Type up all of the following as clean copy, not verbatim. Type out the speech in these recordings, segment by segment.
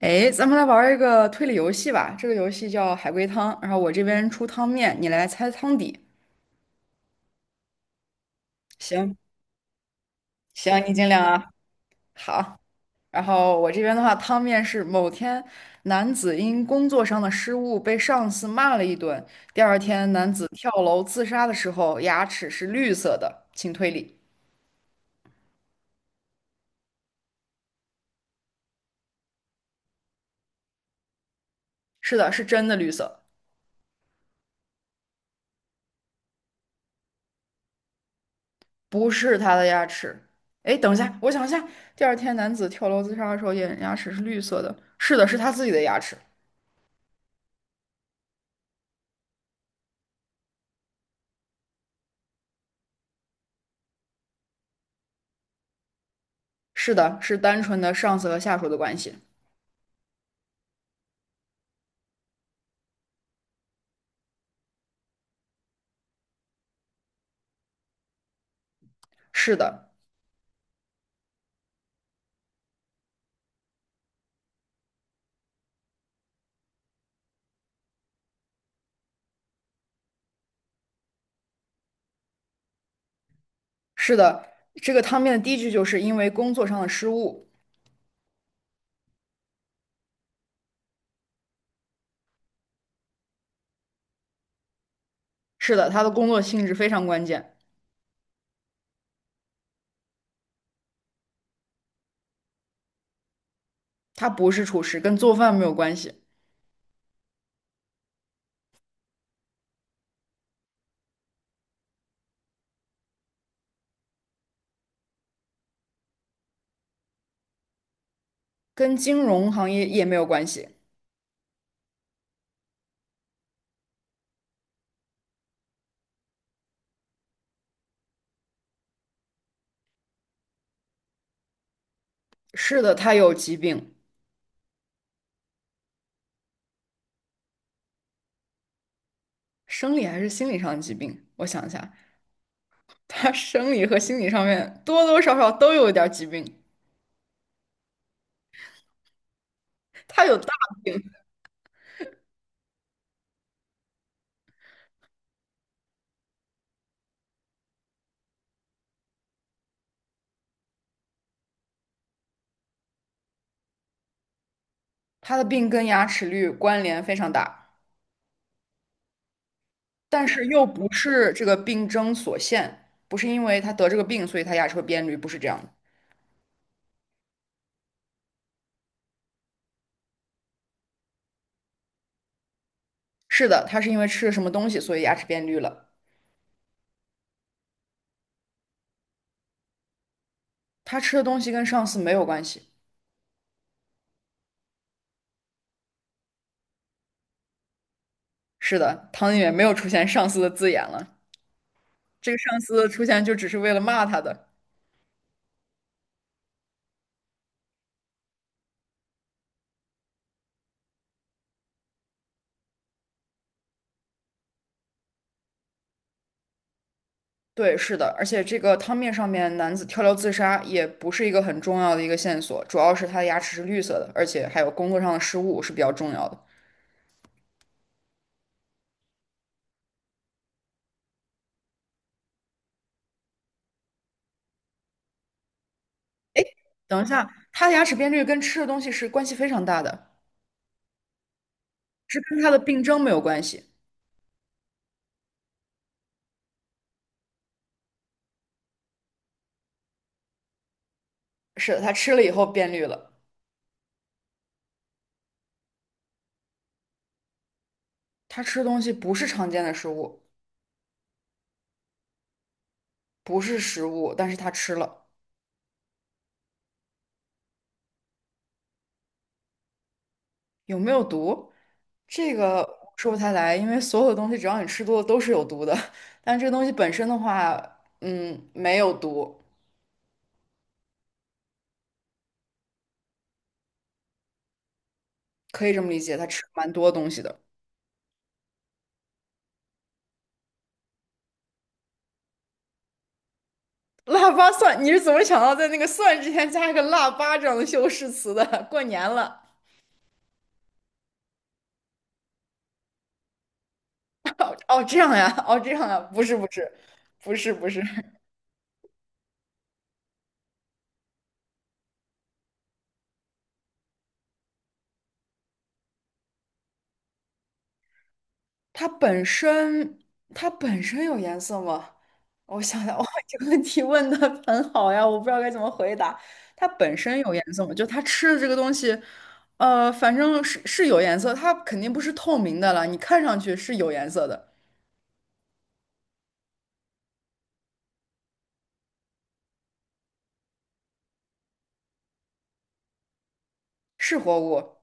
哎，咱们来玩儿一个推理游戏吧。这个游戏叫海龟汤，然后我这边出汤面，你来猜汤底。行行，你尽量啊。好，然后我这边的话，汤面是某天男子因工作上的失误被上司骂了一顿，第二天男子跳楼自杀的时候牙齿是绿色的，请推理。是的，是真的绿色，不是他的牙齿。哎，等一下，我想一下，第二天男子跳楼自杀的时候，眼牙齿是绿色的。是的，是他自己的牙齿。是的，是单纯的上司和下属的关系。是的，是的，这个汤面的第一句就是因为工作上的失误。是的，他的工作性质非常关键，他不是厨师，跟做饭没有关系，跟金融行业也没有关系。是的，他有疾病，生理还是心理上的疾病？我想一下，他生理和心理上面多多少少都有一点儿疾病，他有大病，他的病跟牙齿率关联非常大。但是又不是这个病症所限，不是因为他得这个病，所以他牙齿会变绿，不是这样的。是的，他是因为吃了什么东西，所以牙齿变绿了。他吃的东西跟上司没有关系。是的，汤里面没有出现上司的字眼了，这个上司的出现就只是为了骂他的。对，是的，而且这个汤面上面男子跳楼自杀也不是一个很重要的一个线索，主要是他的牙齿是绿色的，而且还有工作上的失误是比较重要的。等一下，他的牙齿变绿跟吃的东西是关系非常大的。是跟它的病症没有关系。是的，它吃了以后变绿了。它吃东西不是常见的食物，不是食物，但是它吃了，有没有毒？这个说不太来，因为所有的东西只要你吃多了都是有毒的。但这个东西本身的话，嗯，没有毒，可以这么理解。它吃了蛮多东西的。腊八蒜，你是怎么想到在那个蒜之前加一个腊八这样的修饰词的？过年了，哦，这样呀，哦，这样呀，不是，不是，不是，不是。它本身它本身有颜色吗？我想想，哇，这个问题问的很好呀，我不知道该怎么回答。它本身有颜色吗？就它吃的这个东西，反正是有颜色，它肯定不是透明的了，你看上去是有颜色的，是活物。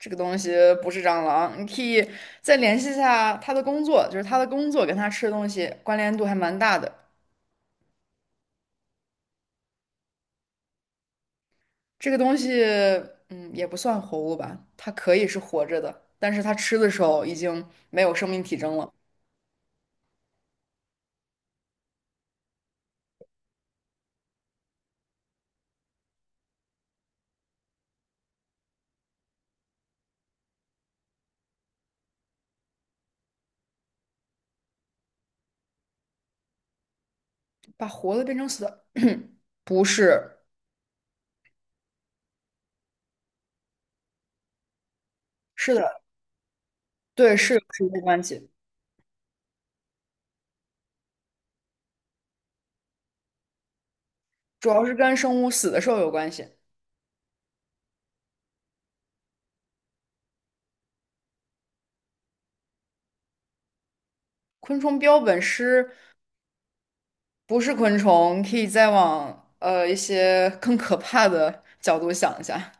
这个东西不是蟑螂，你可以再联系一下它的工作，就是它的工作跟它吃的东西关联度还蛮大的。这个东西，嗯，也不算活物吧，它可以是活着的，但是它吃的时候已经没有生命体征了，把活的变成死的，不是，是的，对，是有直接关系，主要是跟生物死的时候有关系。昆虫标本师不是昆虫，可以再往一些更可怕的角度想一下，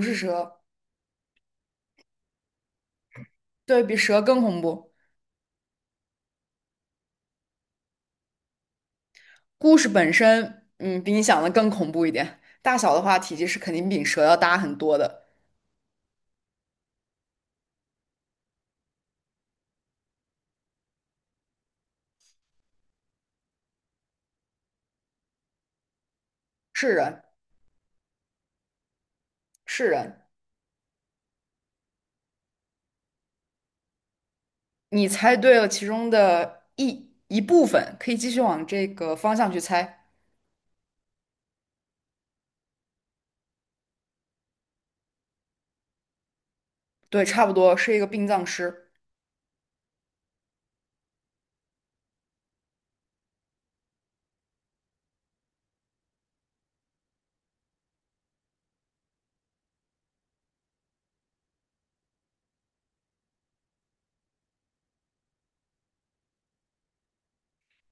不是蛇，对比蛇更恐怖。故事本身，嗯，比你想的更恐怖一点。大小的话，体积是肯定比蛇要大很多的。是人，是人，你猜对了其中的一部分，可以继续往这个方向去猜。对，差不多是一个殡葬师，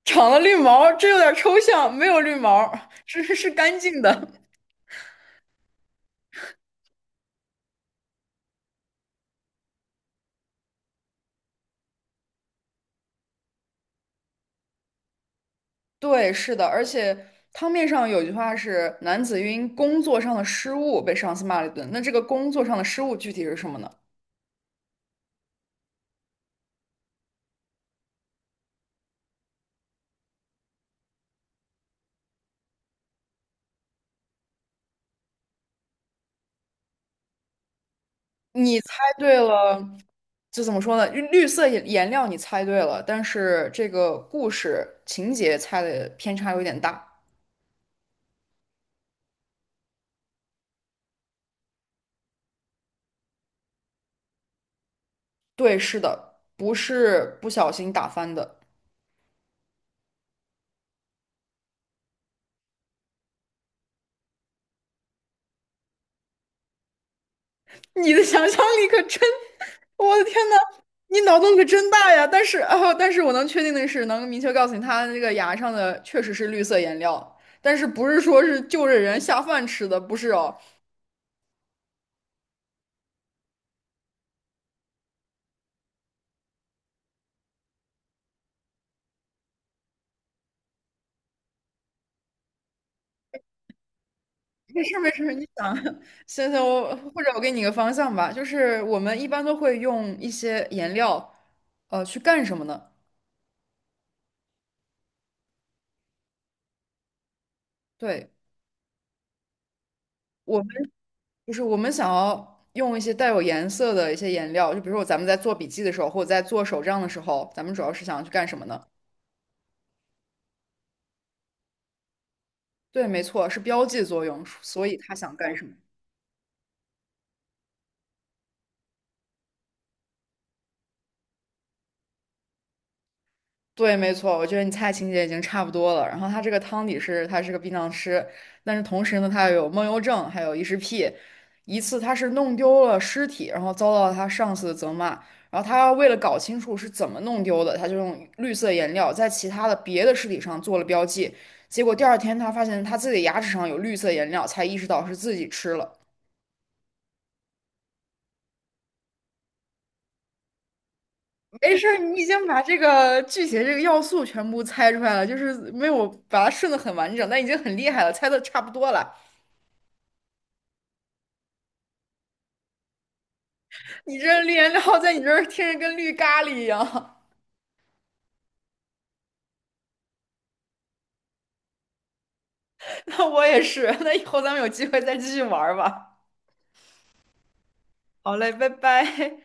长了绿毛这有点抽象，没有绿毛是干净的。对，是的，而且汤面上有句话是“男子因工作上的失误被上司骂了一顿”，那这个工作上的失误具体是什么呢？你猜对了，就怎么说呢？绿色颜料你猜对了，但是这个故事情节猜的偏差有点大。对，是的，不是不小心打翻的。你的想象力可真，我的天呐，你脑洞可真大呀！但是，哦，但是我能确定的是，能明确告诉你，他那个牙上的确实是绿色颜料，但是不是说是就着人下饭吃的，不是哦。没事没事，你想，行行，我或者我给你个方向吧，就是我们一般都会用一些颜料，去干什么呢？对。我们。就是我们想要用一些带有颜色的一些颜料，就比如说咱们在做笔记的时候，或者在做手账的时候，咱们主要是想要去干什么呢？对，没错，是标记作用，所以他想干什么？对，没错，我觉得你猜情节已经差不多了。然后他这个汤底是，他是个殡葬师，但是同时呢，他又有梦游症，还有异食癖。一次他是弄丢了尸体，然后遭到他上司的责骂。然后他为了搞清楚是怎么弄丢的，他就用绿色颜料在其他的别的尸体上做了标记。结果第二天他发现他自己的牙齿上有绿色颜料，才意识到是自己吃了。没事儿，你已经把这个剧情这个要素全部猜出来了，就是没有把它顺的很完整，但已经很厉害了，猜的差不多了。你这绿颜料在你这儿听着跟绿咖喱一样，那我也是。那以后咱们有机会再继续玩儿吧。好嘞，拜拜。